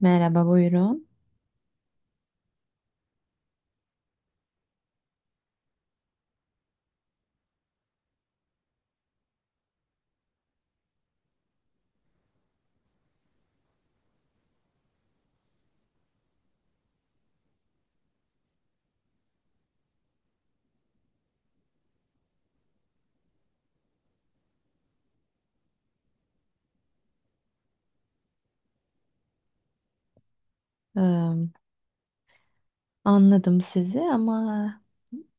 Merhaba, buyurun. Ee, Anladım sizi ama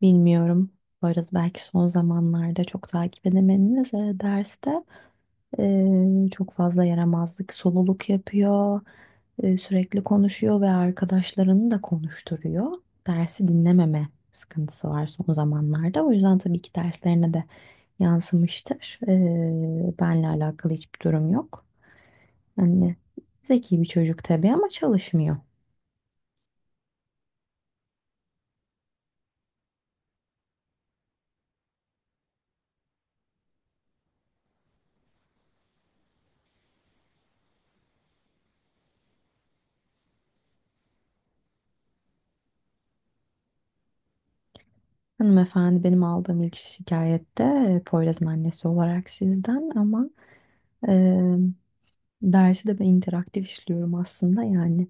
bilmiyorum. Varız belki son zamanlarda çok takip edemediniz. Derste çok fazla yaramazlık, soluluk yapıyor. Sürekli konuşuyor ve arkadaşlarını da konuşturuyor. Dersi dinlememe sıkıntısı var son zamanlarda. O yüzden tabii ki derslerine de yansımıştır. Benle alakalı hiçbir durum yok. Yani zeki bir çocuk tabii ama çalışmıyor. Hanımefendi benim aldığım ilk şikayette Poyraz'ın annesi olarak sizden ama e, dersi de ben interaktif işliyorum aslında, yani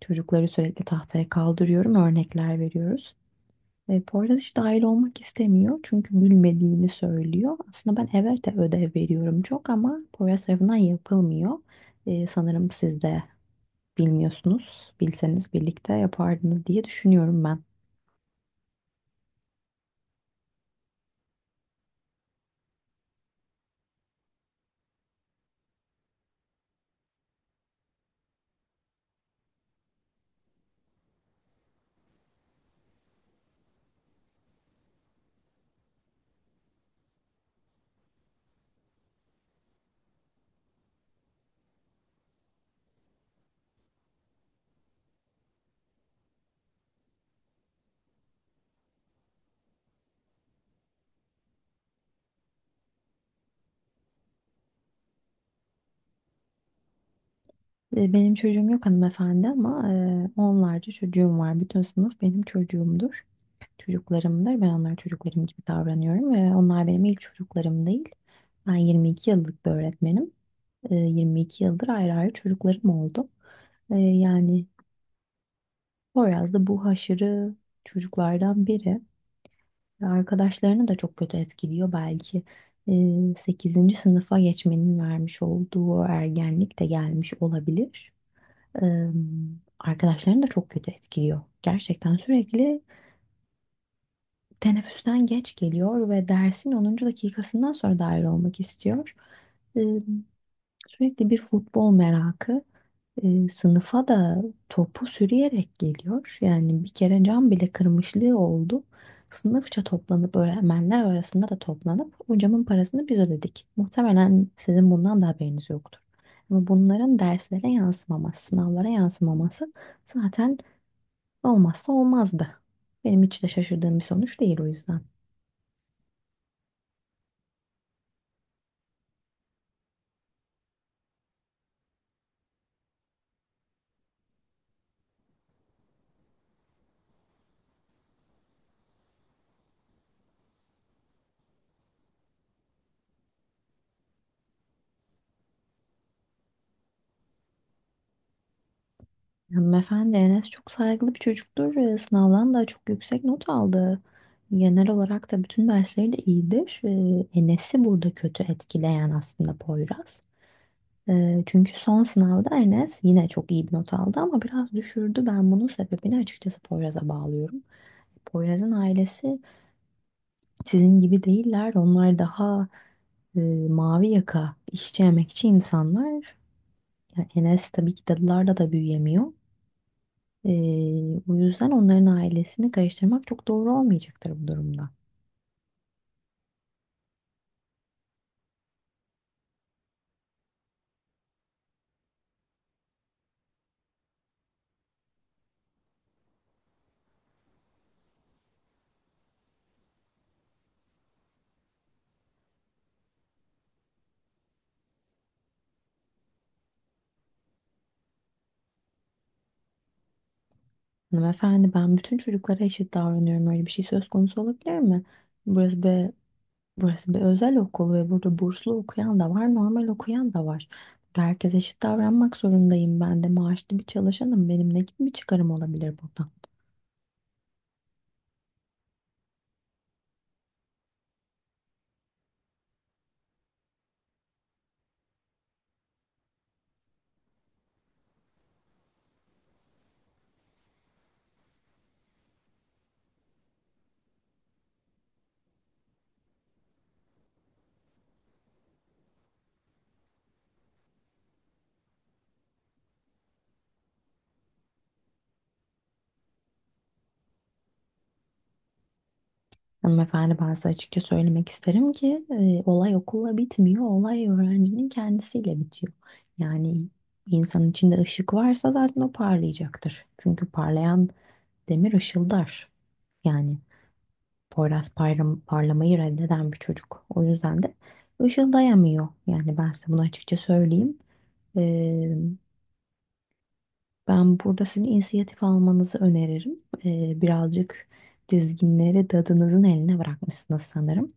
çocukları sürekli tahtaya kaldırıyorum, örnekler veriyoruz. E, Poyraz hiç dahil olmak istemiyor çünkü bilmediğini söylüyor. Aslında ben evet de ödev veriyorum çok ama Poyraz tarafından yapılmıyor. Sanırım siz de bilmiyorsunuz. Bilseniz birlikte yapardınız diye düşünüyorum ben. Benim çocuğum yok hanımefendi ama onlarca çocuğum var. Bütün sınıf benim çocuğumdur. Çocuklarımdır. Ben onlara çocuklarım gibi davranıyorum ve onlar benim ilk çocuklarım değil. Ben 22 yıllık bir öğretmenim. 22 yıldır ayrı ayrı çocuklarım oldu. Yani Poyraz da bu haşırı çocuklardan biri. Ve arkadaşlarını da çok kötü etkiliyor belki. E, 8. sınıfa geçmenin vermiş olduğu ergenlik de gelmiş olabilir. Eee, Arkadaşlarını da çok kötü etkiliyor. Gerçekten sürekli teneffüsten geç geliyor ve dersin onuncu dakikasından sonra dahil olmak istiyor. Eee, Sürekli bir futbol merakı, sınıfa da topu sürüyerek geliyor. Yani bir kere cam bile kırmışlığı oldu. Sınıfça toplanıp öğretmenler arasında da toplanıp o camın parasını biz ödedik. Muhtemelen sizin bundan da haberiniz yoktur. Ama bunların derslere yansımaması, sınavlara yansımaması zaten olmazsa olmazdı. Benim hiç de şaşırdığım bir sonuç değil o yüzden. Hanımefendi Enes çok saygılı bir çocuktur. Sınavdan da çok yüksek not aldı. Genel olarak da bütün dersleri de iyidir. Enes'i burada kötü etkileyen aslında Poyraz. Çünkü son sınavda Enes yine çok iyi bir not aldı ama biraz düşürdü. Ben bunun sebebini açıkçası Poyraz'a bağlıyorum. Poyraz'ın ailesi sizin gibi değiller. Onlar daha e, mavi yaka, işçi emekçi insanlar. Yani Enes tabii ki dadılarda da büyüyemiyor. Ee, O yüzden onların ailesini karıştırmak çok doğru olmayacaktır bu durumda. Hanımefendi ben bütün çocuklara eşit davranıyorum. Öyle bir şey söz konusu olabilir mi? Burası bir, Burası bir özel okul ve burada burslu okuyan da var, normal okuyan da var. Burada herkese eşit davranmak zorundayım. Ben de maaşlı bir çalışanım. Benim ne gibi bir çıkarım olabilir burada? Hanımefendi ben size açıkça söylemek isterim ki olay okulla bitmiyor. Olay öğrencinin kendisiyle bitiyor. Yani bir insanın içinde ışık varsa zaten o parlayacaktır. Çünkü parlayan demir ışıldar. Yani parlamayı reddeden bir çocuk. O yüzden de ışıldayamıyor. Yani ben size bunu açıkça söyleyeyim. Ee, Ben burada sizin inisiyatif almanızı öneririm. Birazcık dizginleri dadınızın eline bırakmışsınız sanırım.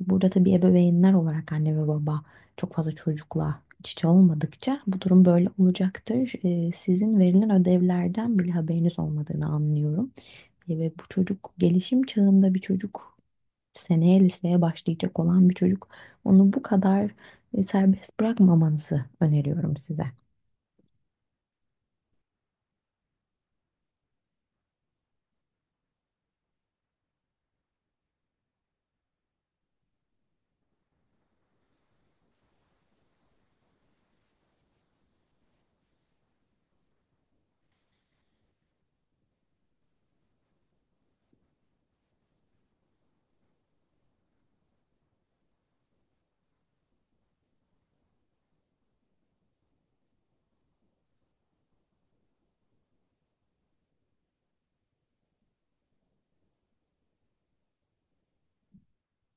Burada tabii ebeveynler olarak anne ve baba çok fazla çocukla iç içe olmadıkça bu durum böyle olacaktır. Sizin verilen ödevlerden bile haberiniz olmadığını anlıyorum. Ve bu çocuk gelişim çağında bir çocuk, seneye liseye başlayacak olan bir çocuk, onu bu kadar serbest bırakmamanızı öneriyorum size.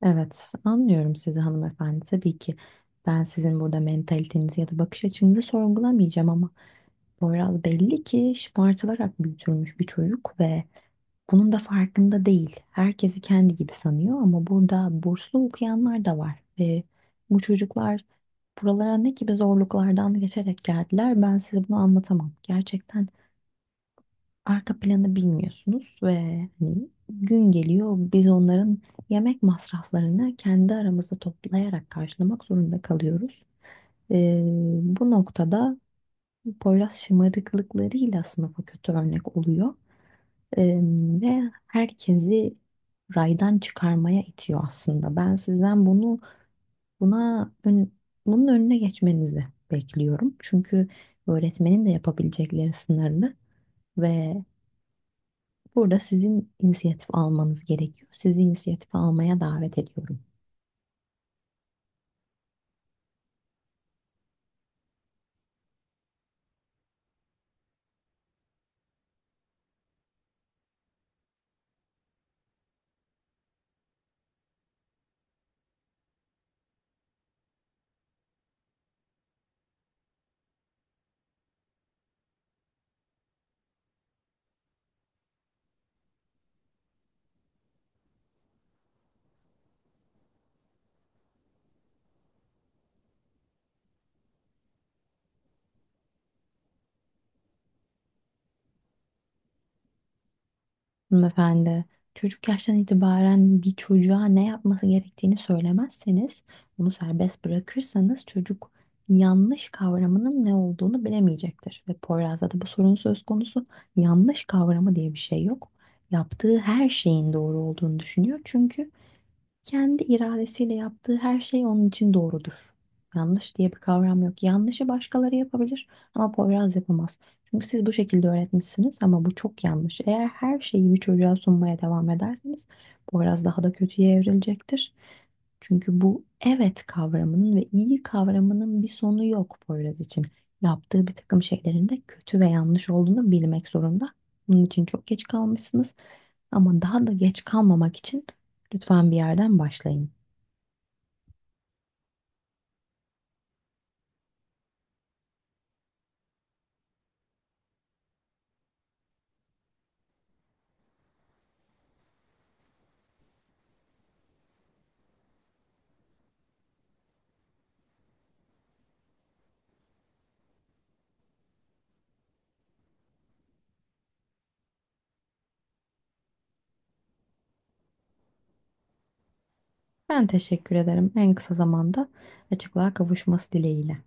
Evet, anlıyorum sizi hanımefendi. Tabii ki ben sizin burada mentalitenizi ya da bakış açınızı sorgulamayacağım ama Poyraz belli ki şımartılarak büyütülmüş bir çocuk ve bunun da farkında değil. Herkesi kendi gibi sanıyor ama burada burslu okuyanlar da var. Ve bu çocuklar buralara ne gibi zorluklardan geçerek geldiler, ben size bunu anlatamam. Gerçekten arka planı bilmiyorsunuz ve hani gün geliyor biz onların yemek masraflarını kendi aramızda toplayarak karşılamak zorunda kalıyoruz. Ee, Bu noktada Poyraz şımarıklıklarıyla sınıfa kötü örnek oluyor. Ee, Ve herkesi raydan çıkarmaya itiyor aslında. Ben sizden buna ön- bunun önüne geçmenizi bekliyorum. Çünkü öğretmenin de yapabilecekleri sınırlı ve burada sizin inisiyatif almanız gerekiyor. Sizi inisiyatife almaya davet ediyorum. Hanımefendi, çocuk yaştan itibaren bir çocuğa ne yapması gerektiğini söylemezseniz, onu serbest bırakırsanız çocuk yanlış kavramının ne olduğunu bilemeyecektir. Ve Poyraz'da da bu sorun söz konusu. Yanlış kavramı diye bir şey yok. Yaptığı her şeyin doğru olduğunu düşünüyor. Çünkü kendi iradesiyle yaptığı her şey onun için doğrudur. Yanlış diye bir kavram yok. Yanlışı başkaları yapabilir ama Poyraz yapamaz. Çünkü siz bu şekilde öğretmişsiniz ama bu çok yanlış. Eğer her şeyi bir çocuğa sunmaya devam ederseniz Poyraz daha da kötüye evrilecektir. Çünkü bu evet kavramının ve iyi kavramının bir sonu yok Poyraz için. Yaptığı bir takım şeylerin de kötü ve yanlış olduğunu bilmek zorunda. Bunun için çok geç kalmışsınız. Ama daha da geç kalmamak için lütfen bir yerden başlayın. Ben teşekkür ederim. En kısa zamanda açıklığa kavuşması dileğiyle.